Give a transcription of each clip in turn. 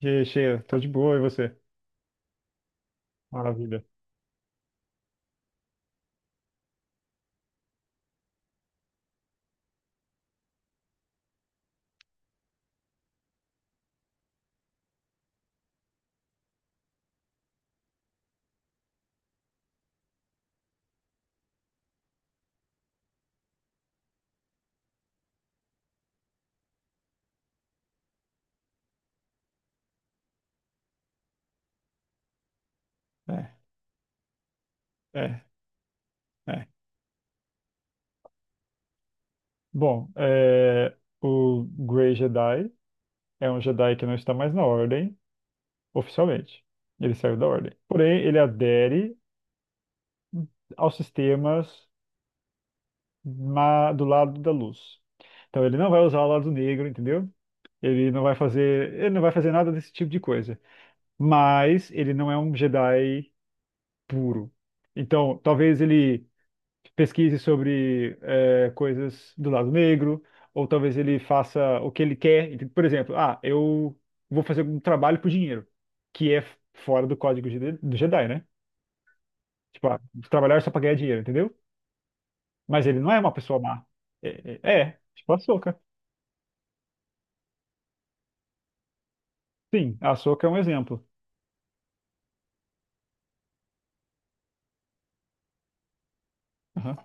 Cheia, tô de boa, e você? Maravilha. É, é, é. Bom, o Grey Jedi é um Jedi que não está mais na Ordem, oficialmente. Ele saiu da Ordem. Porém, ele adere aos sistemas do lado da luz. Então, ele não vai usar o lado negro, entendeu? Ele não vai fazer nada desse tipo de coisa. Mas ele não é um Jedi puro. Então, talvez ele pesquise sobre coisas do lado negro, ou talvez ele faça o que ele quer. Então, por exemplo, ah, eu vou fazer um trabalho por dinheiro, que é fora do do Jedi, né? Tipo, ah, trabalhar só pra ganhar dinheiro, entendeu? Mas ele não é uma pessoa má. É, tipo a Ahsoka. Sim, a Ahsoka é um exemplo. Aham.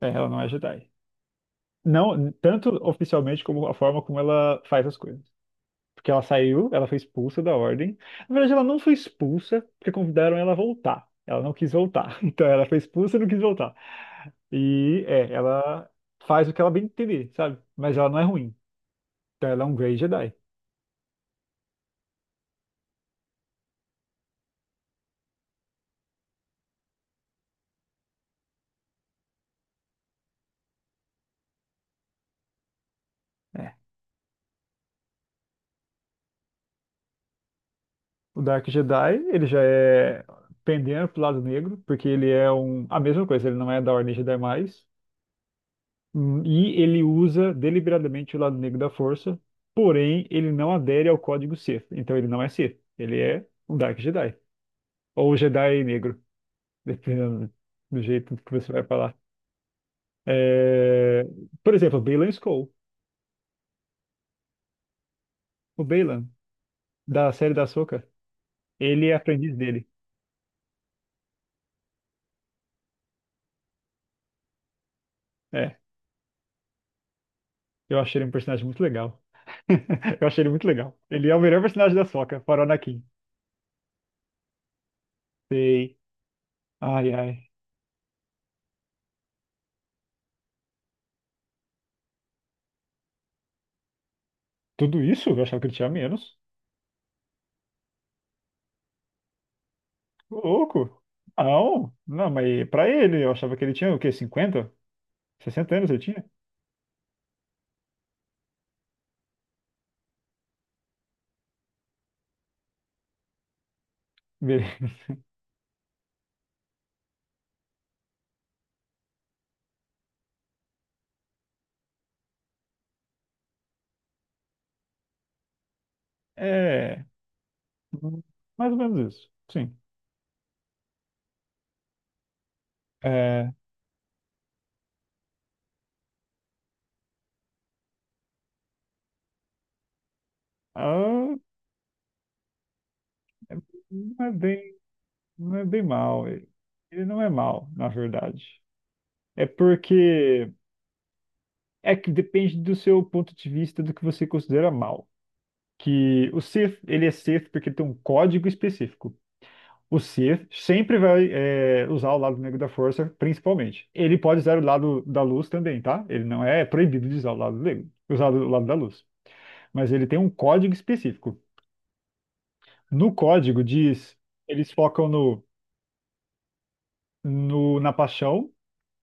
É, ela não é Jedi. Não, tanto oficialmente como a forma como ela faz as coisas. Porque ela saiu, ela foi expulsa da ordem. Na verdade, ela não foi expulsa, porque convidaram ela a voltar. Ela não quis voltar. Então, ela foi expulsa e não quis voltar. E, é, ela faz o que ela bem entender, sabe? Mas ela não é ruim. Então, ela é um Grey Jedi. É. O Dark Jedi, ele já é pendendo pro lado negro, porque ele é um... A mesma coisa, ele não é da Ordem Jedi mais. E ele usa deliberadamente o lado negro da força, porém, ele não adere ao código Sith. Então, ele não é Sith. Ele é um Dark Jedi. Ou Jedi negro, dependendo do jeito que você vai falar. É, por exemplo, Baylan Skoll. O Baylan, da série da Ahsoka, ele é aprendiz dele. É, eu achei ele um personagem muito legal. Eu achei ele muito legal. Ele é o melhor personagem da Ahsoka, fora o Anakin. Sei. Ai, ai. Tudo isso? Eu achava que ele tinha menos. Ô, louco. Não, não, mas pra ele, eu achava que ele tinha o quê? Cinquenta, sessenta anos ele tinha? Beleza. É, hum, mais ou menos isso. Sim. É, Ah, não é bem, não é bem mal. Ele não é mal, na verdade. É porque é que depende do seu ponto de vista do que você considera mal. Que o Sith, ele é Sith porque tem um código específico. O Sith sempre vai usar o lado negro da força, principalmente. Ele pode usar o lado da luz também, tá? Ele não é proibido de usar o lado negro, usar o lado da luz. Mas ele tem um código específico. No código diz, eles focam no, no, na paixão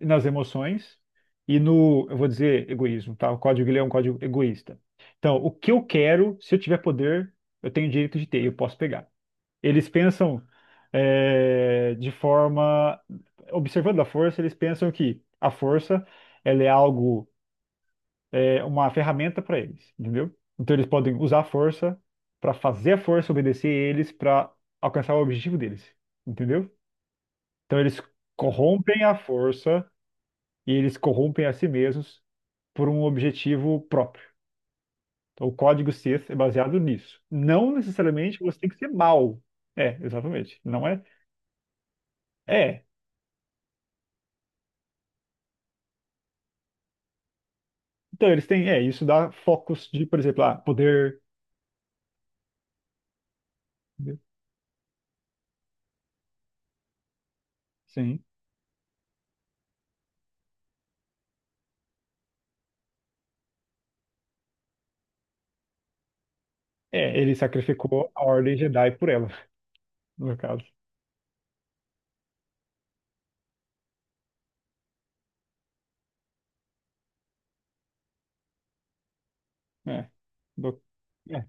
nas emoções e no, eu vou dizer, egoísmo, tá? O código ele é um código egoísta. Então, o que eu quero, se eu tiver poder, eu tenho direito de ter, eu posso pegar. Eles pensam de forma, observando a força, eles pensam que a força, ela é algo, é uma ferramenta para eles, entendeu? Então, eles podem usar a força para fazer a força obedecer eles para alcançar o objetivo deles, entendeu? Então, eles corrompem a força e eles corrompem a si mesmos por um objetivo próprio. Então, o código Sith é baseado nisso. Não necessariamente você tem que ser mal. É, exatamente. Não é? É. Então, eles têm. É, isso dá focos de, por exemplo, ah, poder. Sim. É, ele sacrificou a Ordem Jedi por ela, no caso. É. Do- é,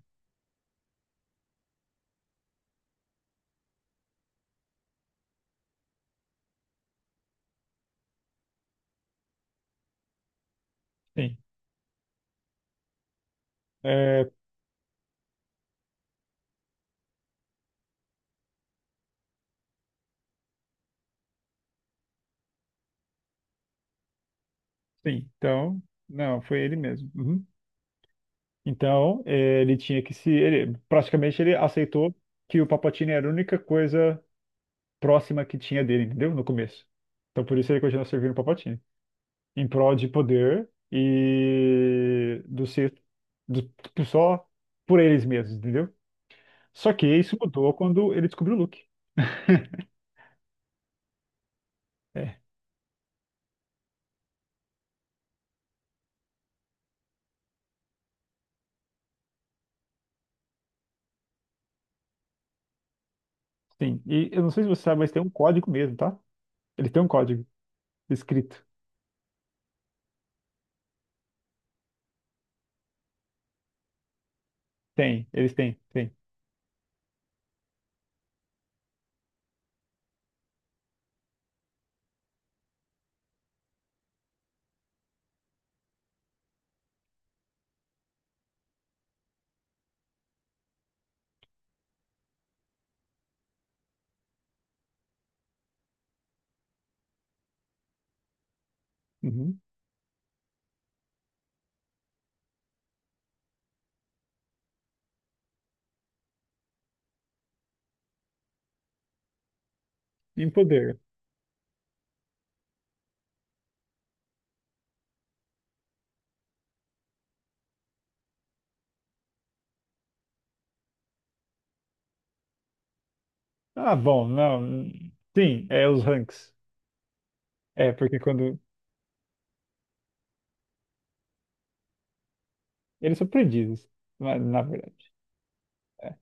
sim. É, sim. Então, não, foi ele mesmo. Uhum. Então, é, ele tinha que se. Ele, praticamente, ele aceitou que o Palpatine era a única coisa próxima que tinha dele, entendeu? No começo. Então por isso ele continua servindo o Palpatine. Em prol de poder e do ser do, só por eles mesmos, entendeu? Só que isso mudou quando ele descobriu o Luke. É, sim. E eu não sei se você sabe, mas tem um código mesmo, tá? Eles têm um código escrito. Tem. Uhum. Em poder. Ah, bom, não. Sim, é os ranks. É, porque quando. Eles são aprendizes, na verdade. É,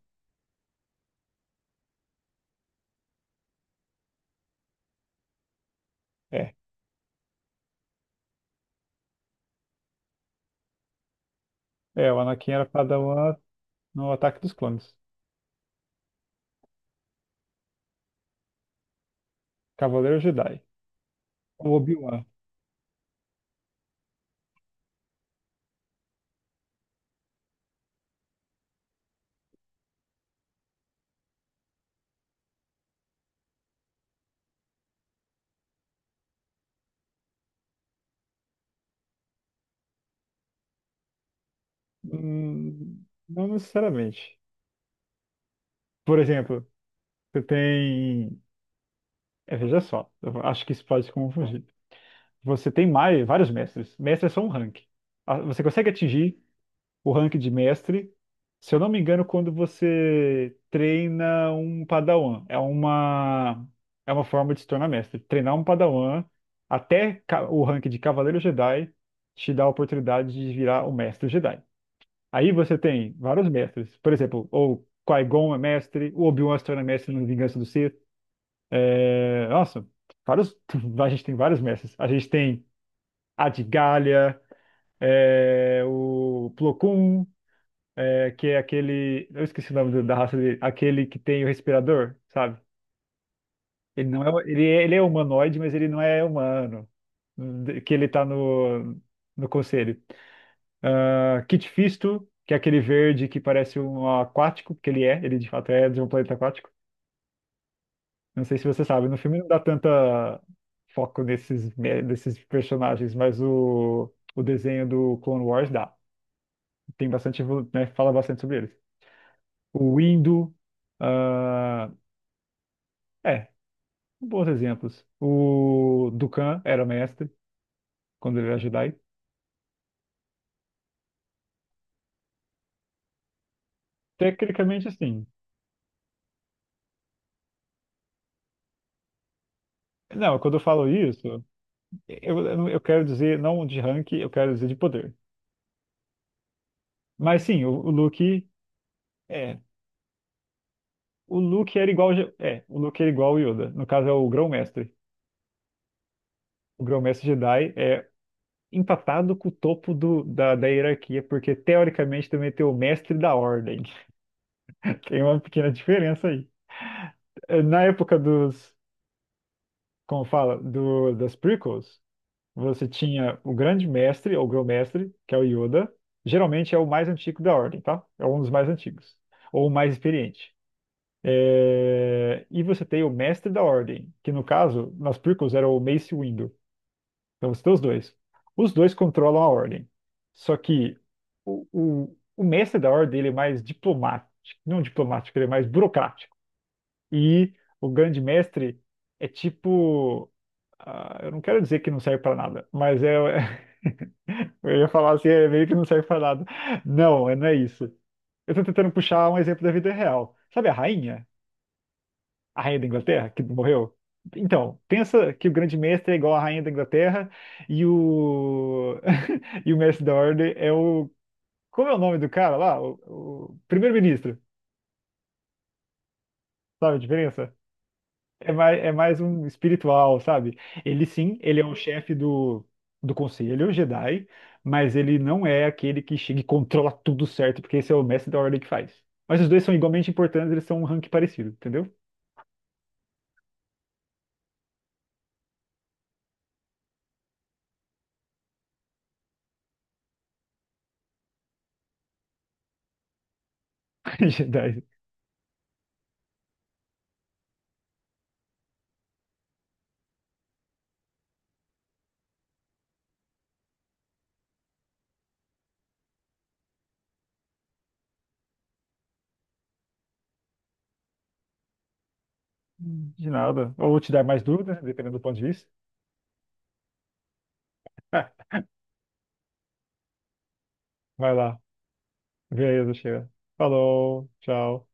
é. É, o Anakin era padawan, no Ataque dos Clones. Cavaleiro Jedi. O Obi-Wan. Não necessariamente. Por exemplo, você tem. É, veja só, eu acho que isso pode se confundir. Você tem mais, vários mestres. Mestres são um rank. Ah, você consegue atingir o rank de mestre, se eu não me engano, quando você treina um Padawan. É uma forma de se tornar mestre. Treinar um Padawan até o rank de Cavaleiro Jedi te dá a oportunidade de virar o mestre Jedi. Aí você tem vários mestres. Por exemplo, o Qui-Gon é mestre, o Obi-Wan se torna mestre no Vingança do Sith. É, nossa, vários... A gente tem vários mestres. A gente tem a de Galha, é, o Plo Koon, é, que é aquele... Eu esqueci o nome da raça dele. Aquele que tem o respirador, sabe? Ele não é... ele é humanoide, mas ele não é humano. Que ele tá no conselho. Ah, Kit Fisto, que é aquele verde que parece um aquático, porque ele de fato é de um planeta aquático. Não sei se você sabe, no filme não dá tanta foco nesses, desses personagens, mas o desenho do Clone Wars dá. Tem bastante, né, fala bastante sobre eles. O Windu, ah, é, bons exemplos. O Dukan era mestre, quando ele era Jedi. Tecnicamente, assim. Não, quando eu falo isso, eu quero dizer não de rank, eu quero dizer de poder. Mas sim, o Luke é, o Luke era igual, o Luke era igual ao Yoda. No caso é o Grão-Mestre. O Grão-Mestre Jedi é empatado com o topo da hierarquia, porque teoricamente também tem o Mestre da Ordem. Tem uma pequena diferença aí. Na época como fala, das prequels, você tinha o Grande Mestre ou Grão-Mestre, que é o Yoda. Geralmente é o mais antigo da Ordem, tá? É um dos mais antigos ou o mais experiente. É, e você tem o mestre da ordem, que no caso, nas prequels era o Mace Windu. Então você tem os dois. Os dois controlam a ordem. Só que o mestre da ordem ele é mais diplomático, não diplomático, ele é mais burocrático. E o grande mestre é tipo, ah, eu não quero dizer que não serve para nada, mas é, eu ia falar assim, é meio que não serve para nada. Não, é, não é isso. Eu tô tentando puxar um exemplo da vida real. Sabe a rainha? A rainha da Inglaterra, que morreu? Então, pensa que o grande mestre é igual à rainha da Inglaterra e o e o mestre da ordem é o como é o nome do cara lá? O primeiro-ministro. Sabe a diferença? É mais um espiritual, sabe? Ele é o chefe do conselho Jedi, mas ele não é aquele que chega e controla tudo certo, porque esse é o mestre da ordem que faz. Mas os dois são igualmente importantes, eles são um rank parecido, entendeu? Jedi. De nada. Ou te dar mais dúvidas, dependendo do ponto de vista. Vai lá. Beleza, chega. Falou, tchau.